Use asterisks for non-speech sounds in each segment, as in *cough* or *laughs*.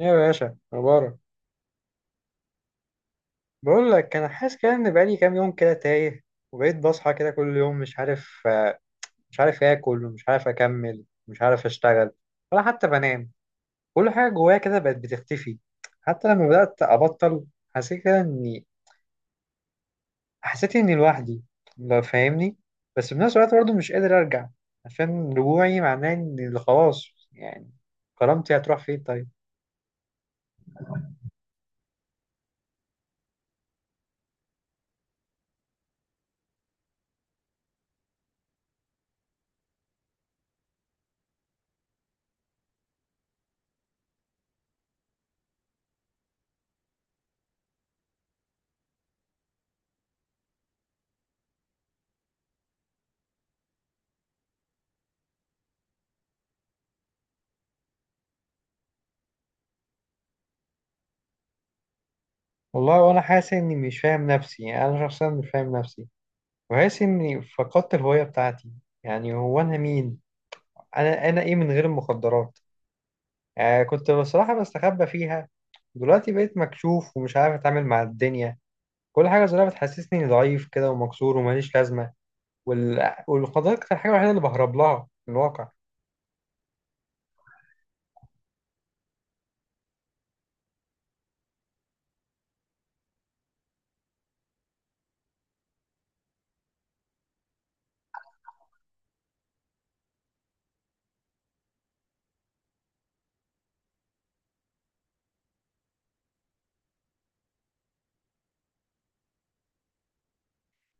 ايه يا باشا مبارك. بقول لك انا حاسس كده ان بقالي كام يوم كده تايه، وبقيت بصحى كده كل يوم مش عارف، مش عارف اكل ومش عارف اكمل، مش عارف اشتغل ولا حتى بنام. كل حاجه جوايا كده بقت بتختفي. حتى لما بدات ابطل حسيت كده اني حسيت اني لوحدي، لو فاهمني. بس بنفس الوقت برضه مش قادر ارجع، عشان رجوعي معناه ان خلاص يعني كرامتي هتروح فين طيب؟ والله وانا حاسس اني مش فاهم نفسي، يعني انا شخصيا مش فاهم نفسي، وحاسس إني فقدت الهوية بتاعتي. يعني هو أنا مين؟ أنا أنا إيه من غير المخدرات؟ آه، كنت بصراحة بستخبى فيها. دلوقتي بقيت مكشوف ومش عارف أتعامل مع الدنيا. كل حاجة صغيرة بتحسسني إني ضعيف كده ومكسور وماليش لازمة. والمخدرات كانت الحاجة الوحيدة اللي بهرب لها في الواقع.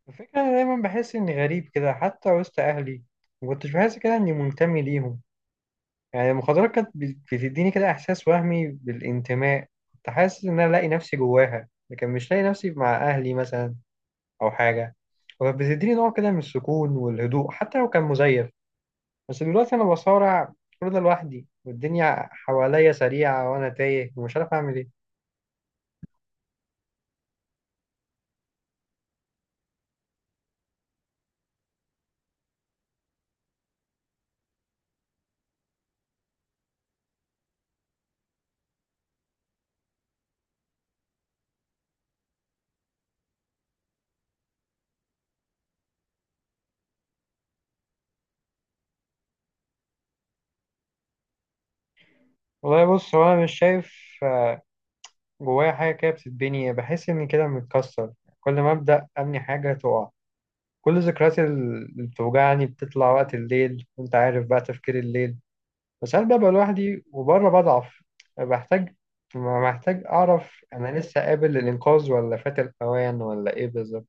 الفكرة أنا دايما بحس إني غريب كده حتى وسط أهلي، ما كنتش بحس كده إني منتمي ليهم. يعني المخدرات كانت بتديني كده إحساس وهمي بالانتماء. كنت حاسس إن أنا لاقي نفسي جواها، لكن مش لاقي نفسي مع أهلي مثلا أو حاجة. وكانت بتديني نوع كده من السكون والهدوء حتى لو كان مزيف. بس دلوقتي أنا بصارع كل ده لوحدي، والدنيا حواليا سريعة وأنا تايه ومش عارف أعمل إيه. والله بص، هو أنا مش شايف جوايا حاجة كده بتتبني، بحس إني كده متكسر. كل ما أبدأ أبني حاجة تقع. كل ذكرياتي اللي بتوجعني بتطلع وقت الليل، وأنت عارف بقى تفكير الليل. بس هل ببقى لوحدي وبره بضعف؟ بحتاج محتاج أعرف أنا لسه قابل للإنقاذ ولا فات الأوان ولا إيه بالظبط.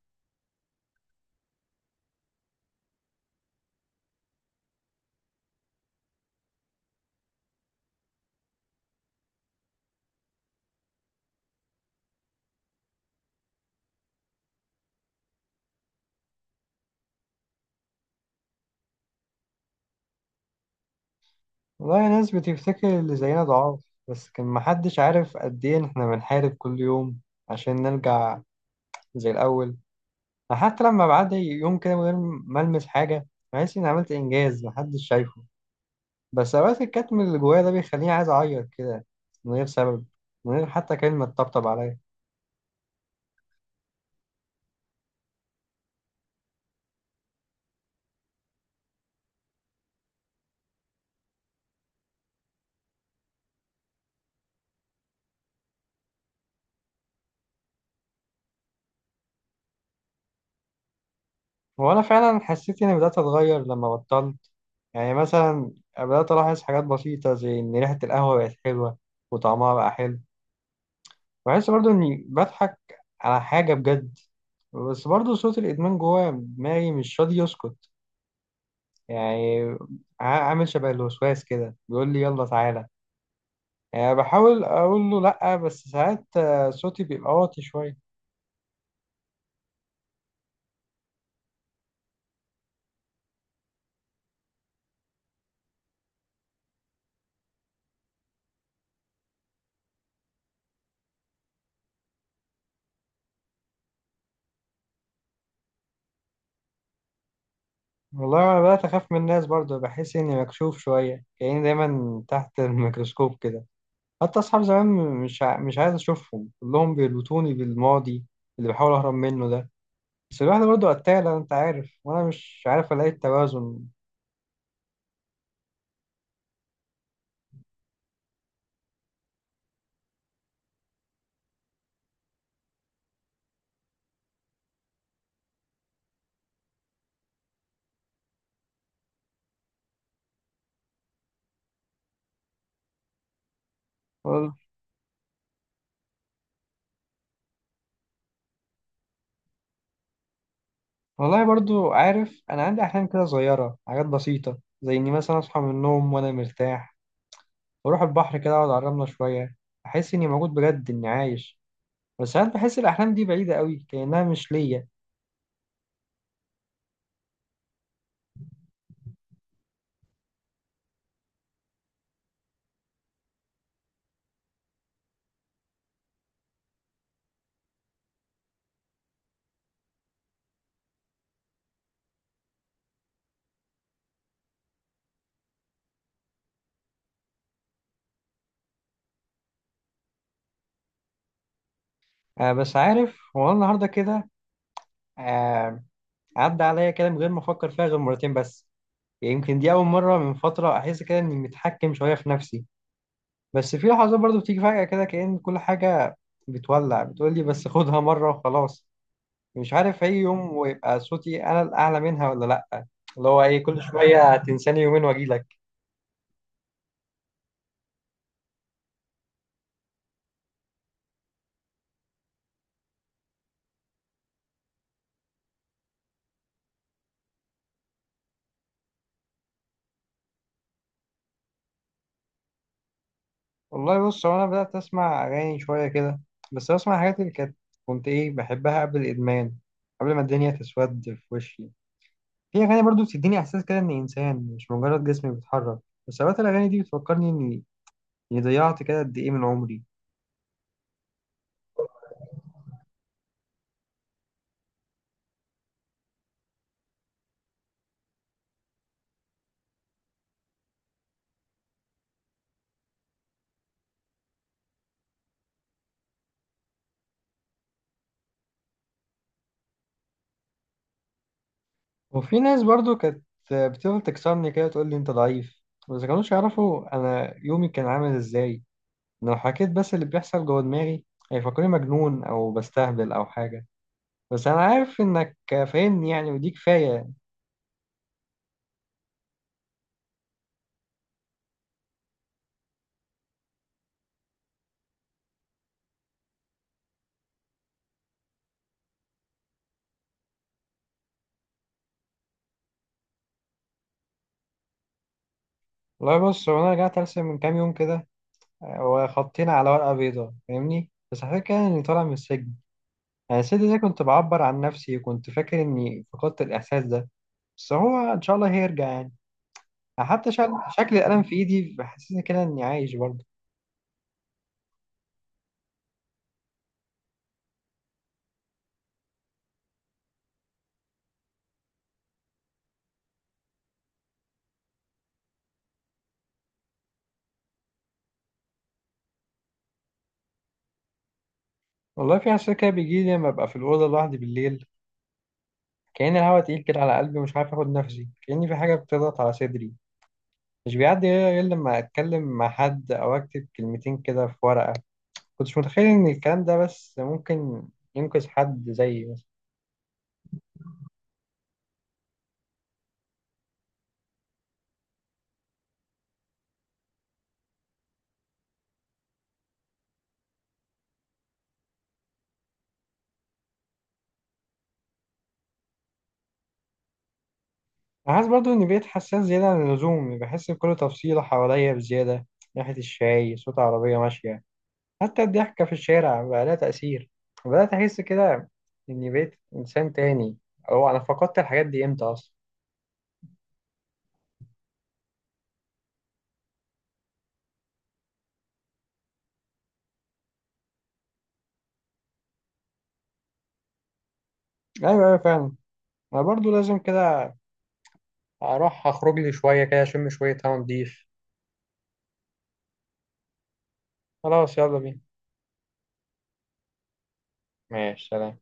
والله ناس بتفتكر اللي زينا ضعاف، بس كان محدش عارف قد إيه إحنا بنحارب كل يوم عشان نرجع زي الأول. حتى لما بعد يوم كده من غير ما ألمس حاجة، بحس إني عملت إنجاز محدش شايفه. بس أوقات الكتم اللي جوايا ده بيخليني عايز أعيط كده من غير سبب، من غير حتى كلمة تطبطب عليا. وأنا فعلا حسيت إني بدأت أتغير لما بطلت. يعني مثلا بدأت ألاحظ حاجات بسيطة، زي إن ريحة القهوة بقت حلوة وطعمها بقى حلو. بحس برضو إني بضحك على حاجة بجد. بس برضو صوت الإدمان جوايا دماغي مش راضي يسكت. يعني عامل شبه الوسواس كده بيقول لي يلا تعالى. يعني بحاول أقول له لأ، بس ساعات صوتي بيبقى واطي شوية. والله أنا بدأت أخاف من الناس برضو، بحس إني مكشوف شوية كأني دايما تحت الميكروسكوب كده. حتى أصحاب زمان مش عايز أشوفهم، كلهم بيربطوني بالماضي اللي بحاول أهرب منه ده. بس الواحد برضه قتالة أنت عارف، وأنا مش عارف ألاقي التوازن. وال- والله برضه عارف أنا عندي أحلام كده صغيرة، حاجات بسيطة زي إني مثلا أصحى من النوم وأنا مرتاح، وأروح البحر كده أقعد على الرملة شوية، أحس إني موجود بجد إني عايش. بس ساعات بحس الأحلام دي بعيدة قوي كأنها مش ليا. آه، بس عارف هو أنا النهاردة كده آه عدى عليا كده من غير ما أفكر فيها غير مرتين بس. يمكن دي أول مرة من فترة أحس كده إني متحكم شوية في نفسي. بس في لحظات برضو بتيجي فجأة كده كأن كل حاجة بتولع، بتقولي بس خدها مرة وخلاص. مش عارف أي يوم ويبقى صوتي أنا الأعلى منها ولا لأ. اللي هو إيه كل شوية *laughs* هتنساني يومين وأجيلك. والله بص، هو أنا بدأت أسمع أغاني شوية كده. بس بسمع الحاجات اللي كنت إيه بحبها قبل الإدمان، قبل ما الدنيا تسود في وشي. في أغاني برضو بتديني إحساس كده إني إنسان مش مجرد جسمي بيتحرك. بس أوقات الأغاني دي بتفكرني إني يعني ضيعت كده قد ايه من عمري. وفي ناس برضو كانت بتفضل تكسرني كده، تقول لي انت ضعيف. بس كانوش يعرفوا انا يومي كان عامل ازاي. لو حكيت بس اللي بيحصل جوه دماغي هيفكروني مجنون او بستهبل او حاجه. بس انا عارف انك فاهمني يعني، ودي كفايه. والله بص، هو انا رجعت ارسم من كام يوم كده، وخطينا على ورقه بيضاء فاهمني، بس حكيت كده اني طالع من السجن. انا السجن ده كنت بعبر عن نفسي، وكنت فاكر اني فقدت الاحساس ده، بس هو ان شاء الله هيرجع يعني. حتى شكل القلم في ايدي بحسسني كده اني عايش برضه. والله في احساس كده بيجي لي لما ابقى في الاوضه لوحدي بالليل، كأن الهواء تقيل كده على قلبي ومش عارف اخد نفسي، كأن في حاجه بتضغط على صدري. مش بيعدي غير لما اتكلم مع حد او اكتب كلمتين كده في ورقه. كنتش متخيل ان الكلام ده بس ممكن ينقذ حد زيي مثلا. أنا حاسس برضه اني بقيت حساس زياده عن اللزوم، بحس بكل تفصيله حواليا بزياده. ريحه الشاي، صوت عربيه ماشيه، حتى الضحكة في الشارع بقى لها تأثير. بدأت أحس كده إني بقيت إنسان تاني، أو أنا فقدت الحاجات دي إمتى أصلا؟ أيوة، أيوة فعلا. أنا برضو لازم كده أروح أخرج لي شوية كده أشم شوية هوا نضيف. خلاص يلا بينا. ماشي سلام.